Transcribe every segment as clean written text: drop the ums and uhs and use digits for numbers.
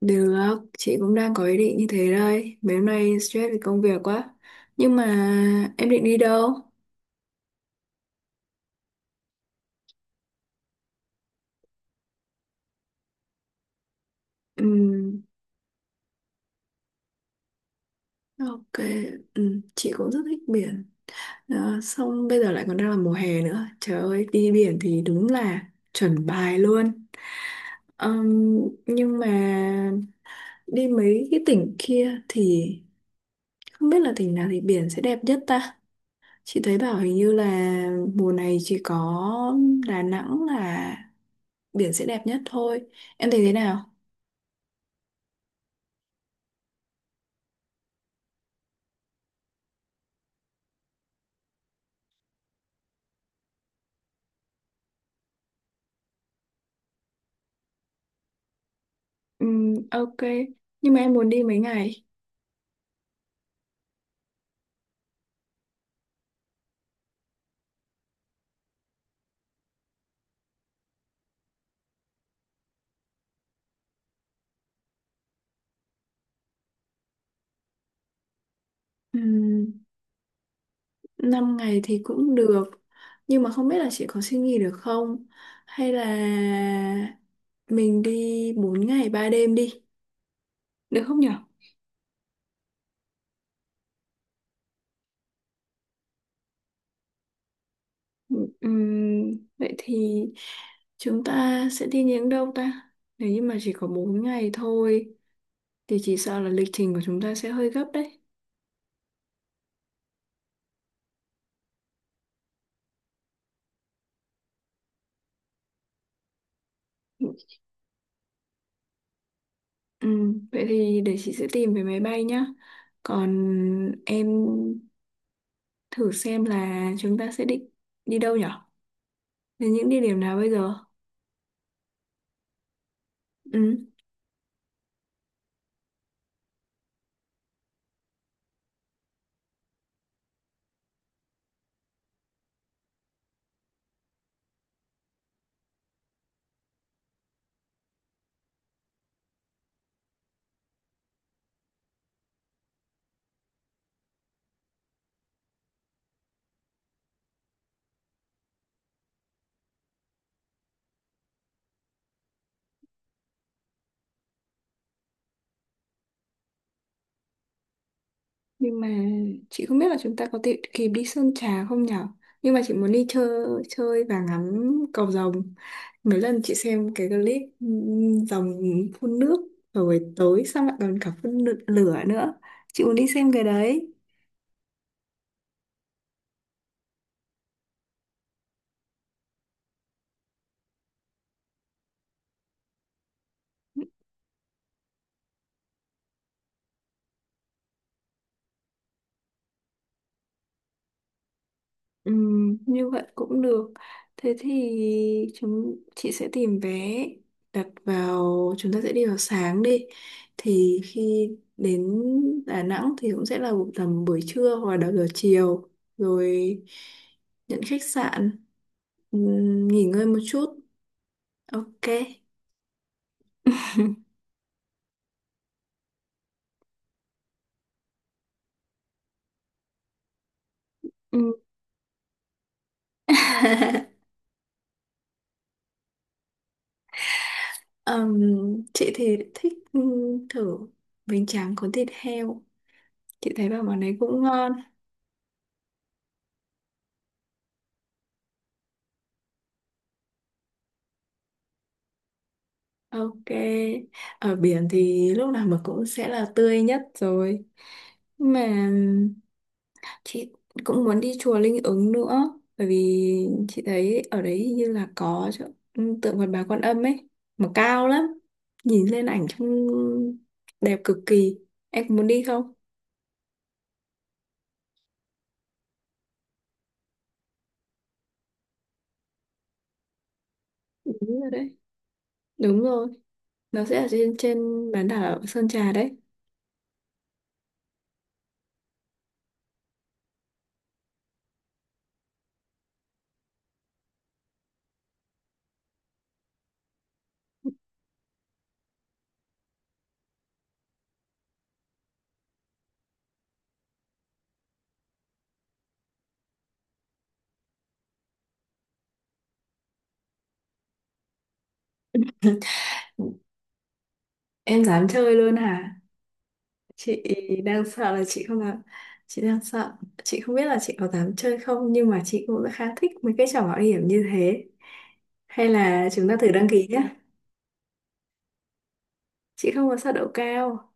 Được, chị cũng đang có ý định như thế đây. Mấy hôm nay stress vì công việc quá. Nhưng mà em định đi đâu? Ừm, ok, chị cũng rất thích biển. Đó, xong bây giờ lại còn đang là mùa hè nữa. Trời ơi, đi biển thì đúng là chuẩn bài luôn. Ừm, nhưng mà đi mấy cái tỉnh kia thì không biết là tỉnh nào thì biển sẽ đẹp nhất ta. Chị thấy bảo hình như là mùa này chỉ có Đà Nẵng là biển sẽ đẹp nhất thôi. Em thấy thế nào? Ok, nhưng mà em muốn đi mấy ngày? Ừm, 5 ngày thì cũng được, nhưng mà không biết là chị có xin nghỉ được không, hay là mình đi 4 ngày 3 đêm đi, được không nhở? Vậy thì chúng ta sẽ đi những đâu ta? Nếu như mà chỉ có 4 ngày thôi thì chỉ sợ là lịch trình của chúng ta sẽ hơi gấp đấy. Ừ, vậy thì để chị sẽ tìm về máy bay nhá. Còn em thử xem là chúng ta sẽ định đi đâu nhở? Đến những địa điểm nào bây giờ? Ừ, nhưng mà chị không biết là chúng ta có thể kịp đi Sơn Trà không nhở? Nhưng mà chị muốn đi chơi chơi và ngắm cầu rồng. Mấy lần chị xem cái clip rồng phun nước rồi tới xong lại còn cả phun lửa nữa. Chị muốn đi xem cái đấy. Ừ, như vậy cũng được. Thế thì chúng chị sẽ tìm vé đặt vào, chúng ta sẽ đi vào sáng đi. Thì khi đến Đà Nẵng thì cũng sẽ là tầm buổi trưa hoặc là đầu giờ chiều, rồi nhận khách sạn, ừ, nghỉ ngơi một chút. Ok. Ừ. Chị thì thích thử bánh tráng có thịt heo. Chị thấy bảo món đấy cũng ngon. Ok, ở biển thì lúc nào mà cũng sẽ là tươi nhất rồi. Mà chị cũng muốn đi chùa Linh Ứng nữa, bởi vì chị thấy ở đấy hình như là có chỗ, tượng Phật Bà Quan Âm ấy, mà cao lắm. Nhìn lên ảnh trông đẹp cực kỳ. Em có muốn đi không? Đúng rồi đấy. Đúng rồi, nó sẽ ở trên trên bán đảo Sơn Trà đấy. Em dám chơi luôn hả? Chị đang sợ là chị không làm, chị đang sợ, chị không biết là chị có dám chơi không, nhưng mà chị cũng khá thích mấy cái trò mạo hiểm như thế. Hay là chúng ta thử đăng ký nhé? Chị không có sợ độ cao.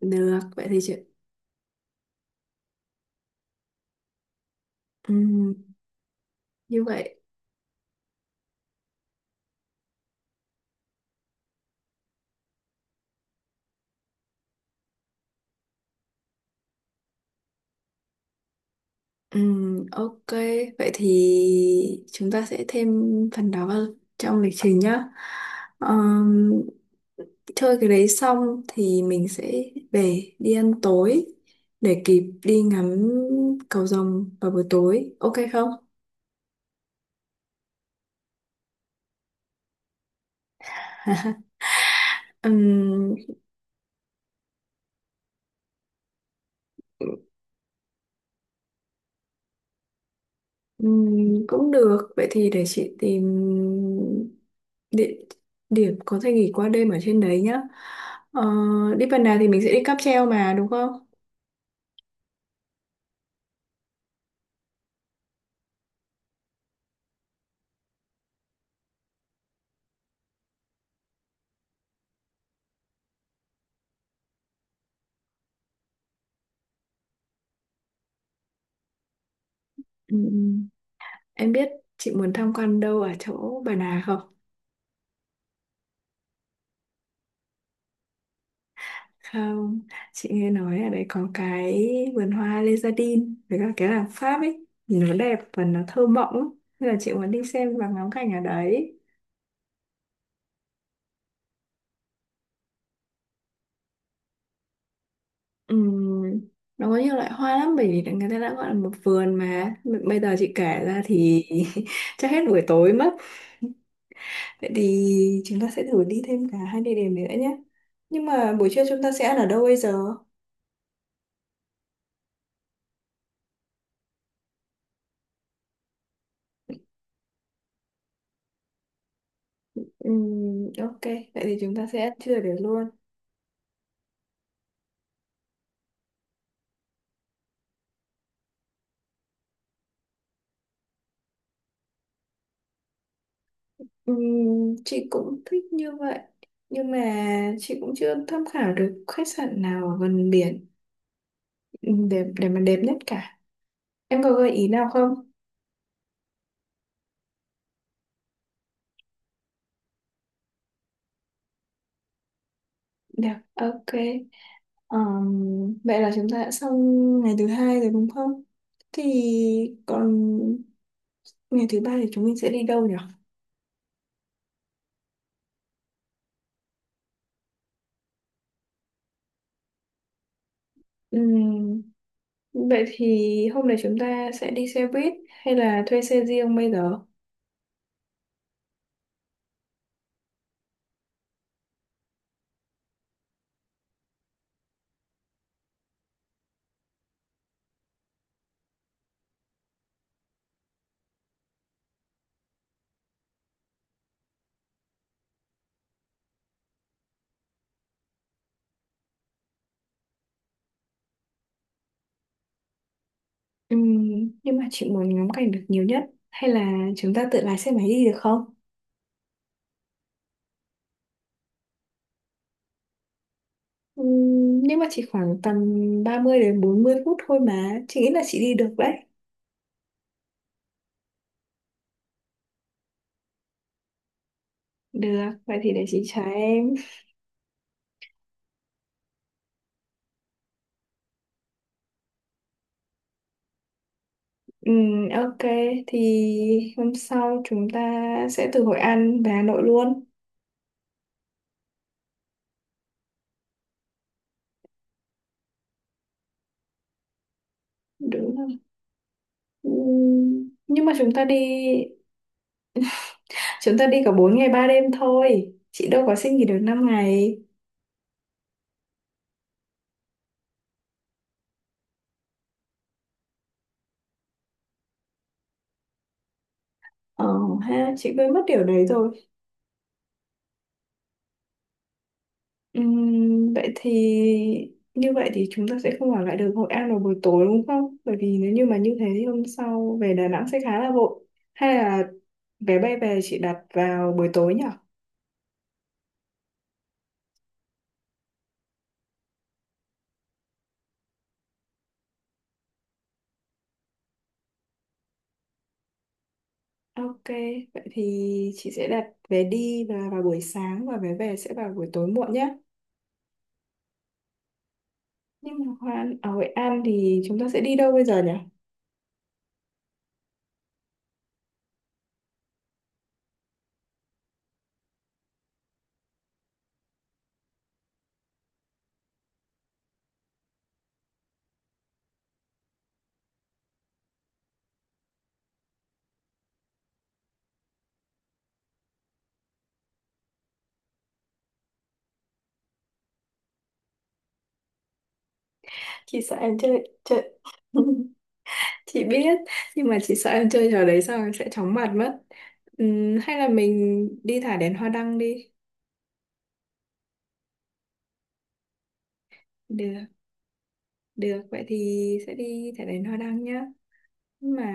Được, vậy thì chị, ừm, như vậy. Ok, vậy thì chúng ta sẽ thêm phần đó vào trong lịch trình nhá. Ờm, chơi cái đấy xong thì mình sẽ về đi ăn tối để kịp đi ngắm cầu rồng vào buổi tối, ok không? Ừm, cũng được, vậy thì để chị tìm địa điểm có thể nghỉ qua đêm ở trên đấy nhá. ờ, Đi phần nào thì mình sẽ đi cáp treo mà, đúng không? Ừm, em biết chị muốn tham quan đâu ở chỗ Bà Nà không? Không, chị nghe nói ở đấy có cái vườn hoa Lezardin với cả cái làng Pháp ấy, nhìn nó đẹp và nó thơ mộng lắm. Nên là chị muốn đi xem và ngắm cảnh ở đấy. Ừm, nó có nhiều loại hoa lắm bởi vì người ta đã gọi là một vườn mà. Bây giờ chị kể ra thì chắc hết buổi tối mất. Vậy thì chúng ta sẽ thử đi thêm cả hai địa điểm nữa nhé. Nhưng mà buổi trưa chúng ta sẽ ăn ở đâu bây giờ? Ok, vậy thì chúng ta sẽ ăn trưa được luôn. Chị cũng thích như vậy, nhưng mà chị cũng chưa tham khảo được khách sạn nào ở gần biển, để mà đẹp nhất cả. Em có gợi ý nào không? Được, ok. Vậy là chúng ta đã xong ngày thứ hai rồi đúng không? Thì còn ngày thứ ba thì chúng mình sẽ đi đâu nhỉ? Ừm, vậy thì hôm nay chúng ta sẽ đi xe buýt hay là thuê xe riêng bây giờ? Nhưng mà chị muốn ngắm cảnh được nhiều nhất, hay là chúng ta tự lái xe máy đi được không? Nhưng mà chỉ khoảng tầm 30 đến 40 phút thôi mà, chị nghĩ là chị đi được đấy. Được, vậy thì để chị trả em. Ok, thì hôm sau chúng ta sẽ từ Hội An về Hà Nội luôn, đúng không? Nhưng mà chúng ta đi cả 4 ngày 3 đêm thôi, chị đâu có xin nghỉ được 5 ngày. Ờ ha, chị quên mất điều đấy rồi. Vậy thì như vậy thì chúng ta sẽ không ở lại được Hội An vào buổi tối, đúng không? Bởi vì nếu như mà như thế thì hôm sau về Đà Nẵng sẽ khá là vội. Hay là vé bay về chị đặt vào buổi tối nhỉ? Ok, vậy thì chị sẽ đặt vé đi là vào buổi sáng và vé về sẽ vào buổi tối muộn nhé. Nhưng mà ở Hội An thì chúng ta sẽ đi đâu bây giờ nhỉ? Chị sợ em chơi chết. Chị biết, nhưng mà chị sợ em chơi trò đấy xong em sẽ chóng mặt mất. Hay là mình đi thả đèn hoa đăng đi. Được, được, vậy thì sẽ đi thả đèn hoa đăng nhá. Nhưng mà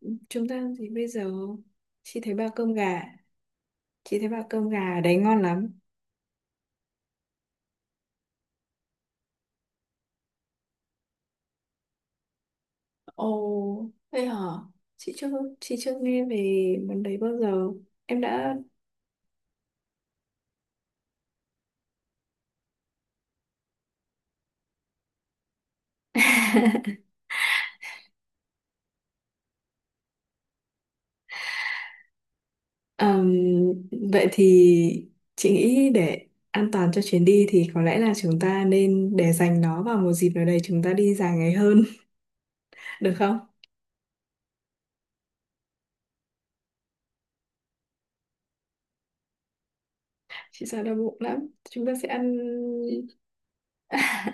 chúng ta làm gì bây giờ? Chị thấy bao cơm gà, chị thấy bao cơm gà đấy ngon lắm. Ồ, thế hả? Chị chưa, chị chưa nghe về món đấy bao giờ. Em đã Ờm, vậy thì chị nghĩ để an toàn cho chuyến đi thì có lẽ là chúng ta nên để dành nó vào một dịp nào đấy chúng ta đi dài ngày hơn, được không? Chị sợ đau bụng lắm. Chúng ta sẽ ăn.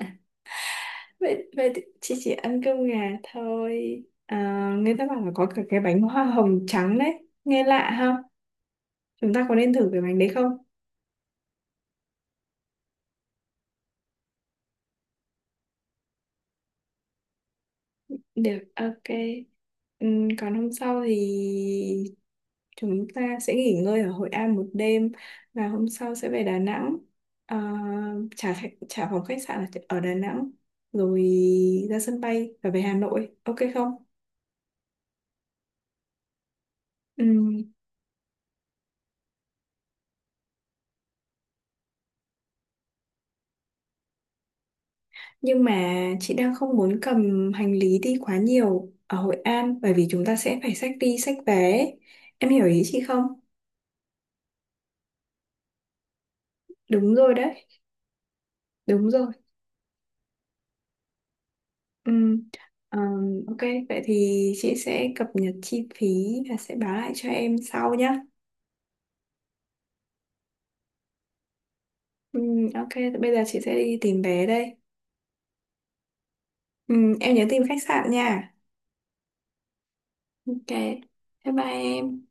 vậy vậy thì chị chỉ ăn cơm gà thôi. À, người ta bảo là có cả cái bánh hoa hồng trắng đấy, nghe lạ ha. Chúng ta có nên thử cái bánh đấy không? Được, ok. Còn hôm sau thì chúng ta sẽ nghỉ ngơi ở Hội An một đêm và hôm sau sẽ về Đà Nẵng. Ờ, trả phòng khách sạn ở ở Đà Nẵng rồi ra sân bay và về Hà Nội. Ok không? Ừm, nhưng mà chị đang không muốn cầm hành lý đi quá nhiều ở Hội An, bởi vì chúng ta sẽ phải xách đi xách vé. Em hiểu ý chị không? Đúng rồi đấy. Đúng rồi. Ừm, ok, vậy thì chị sẽ cập nhật chi phí và sẽ báo lại cho em sau nhé. Ừ, ok, thì bây giờ chị sẽ đi tìm vé đây. Em nhớ tìm khách sạn nha. Ok, bye bye em.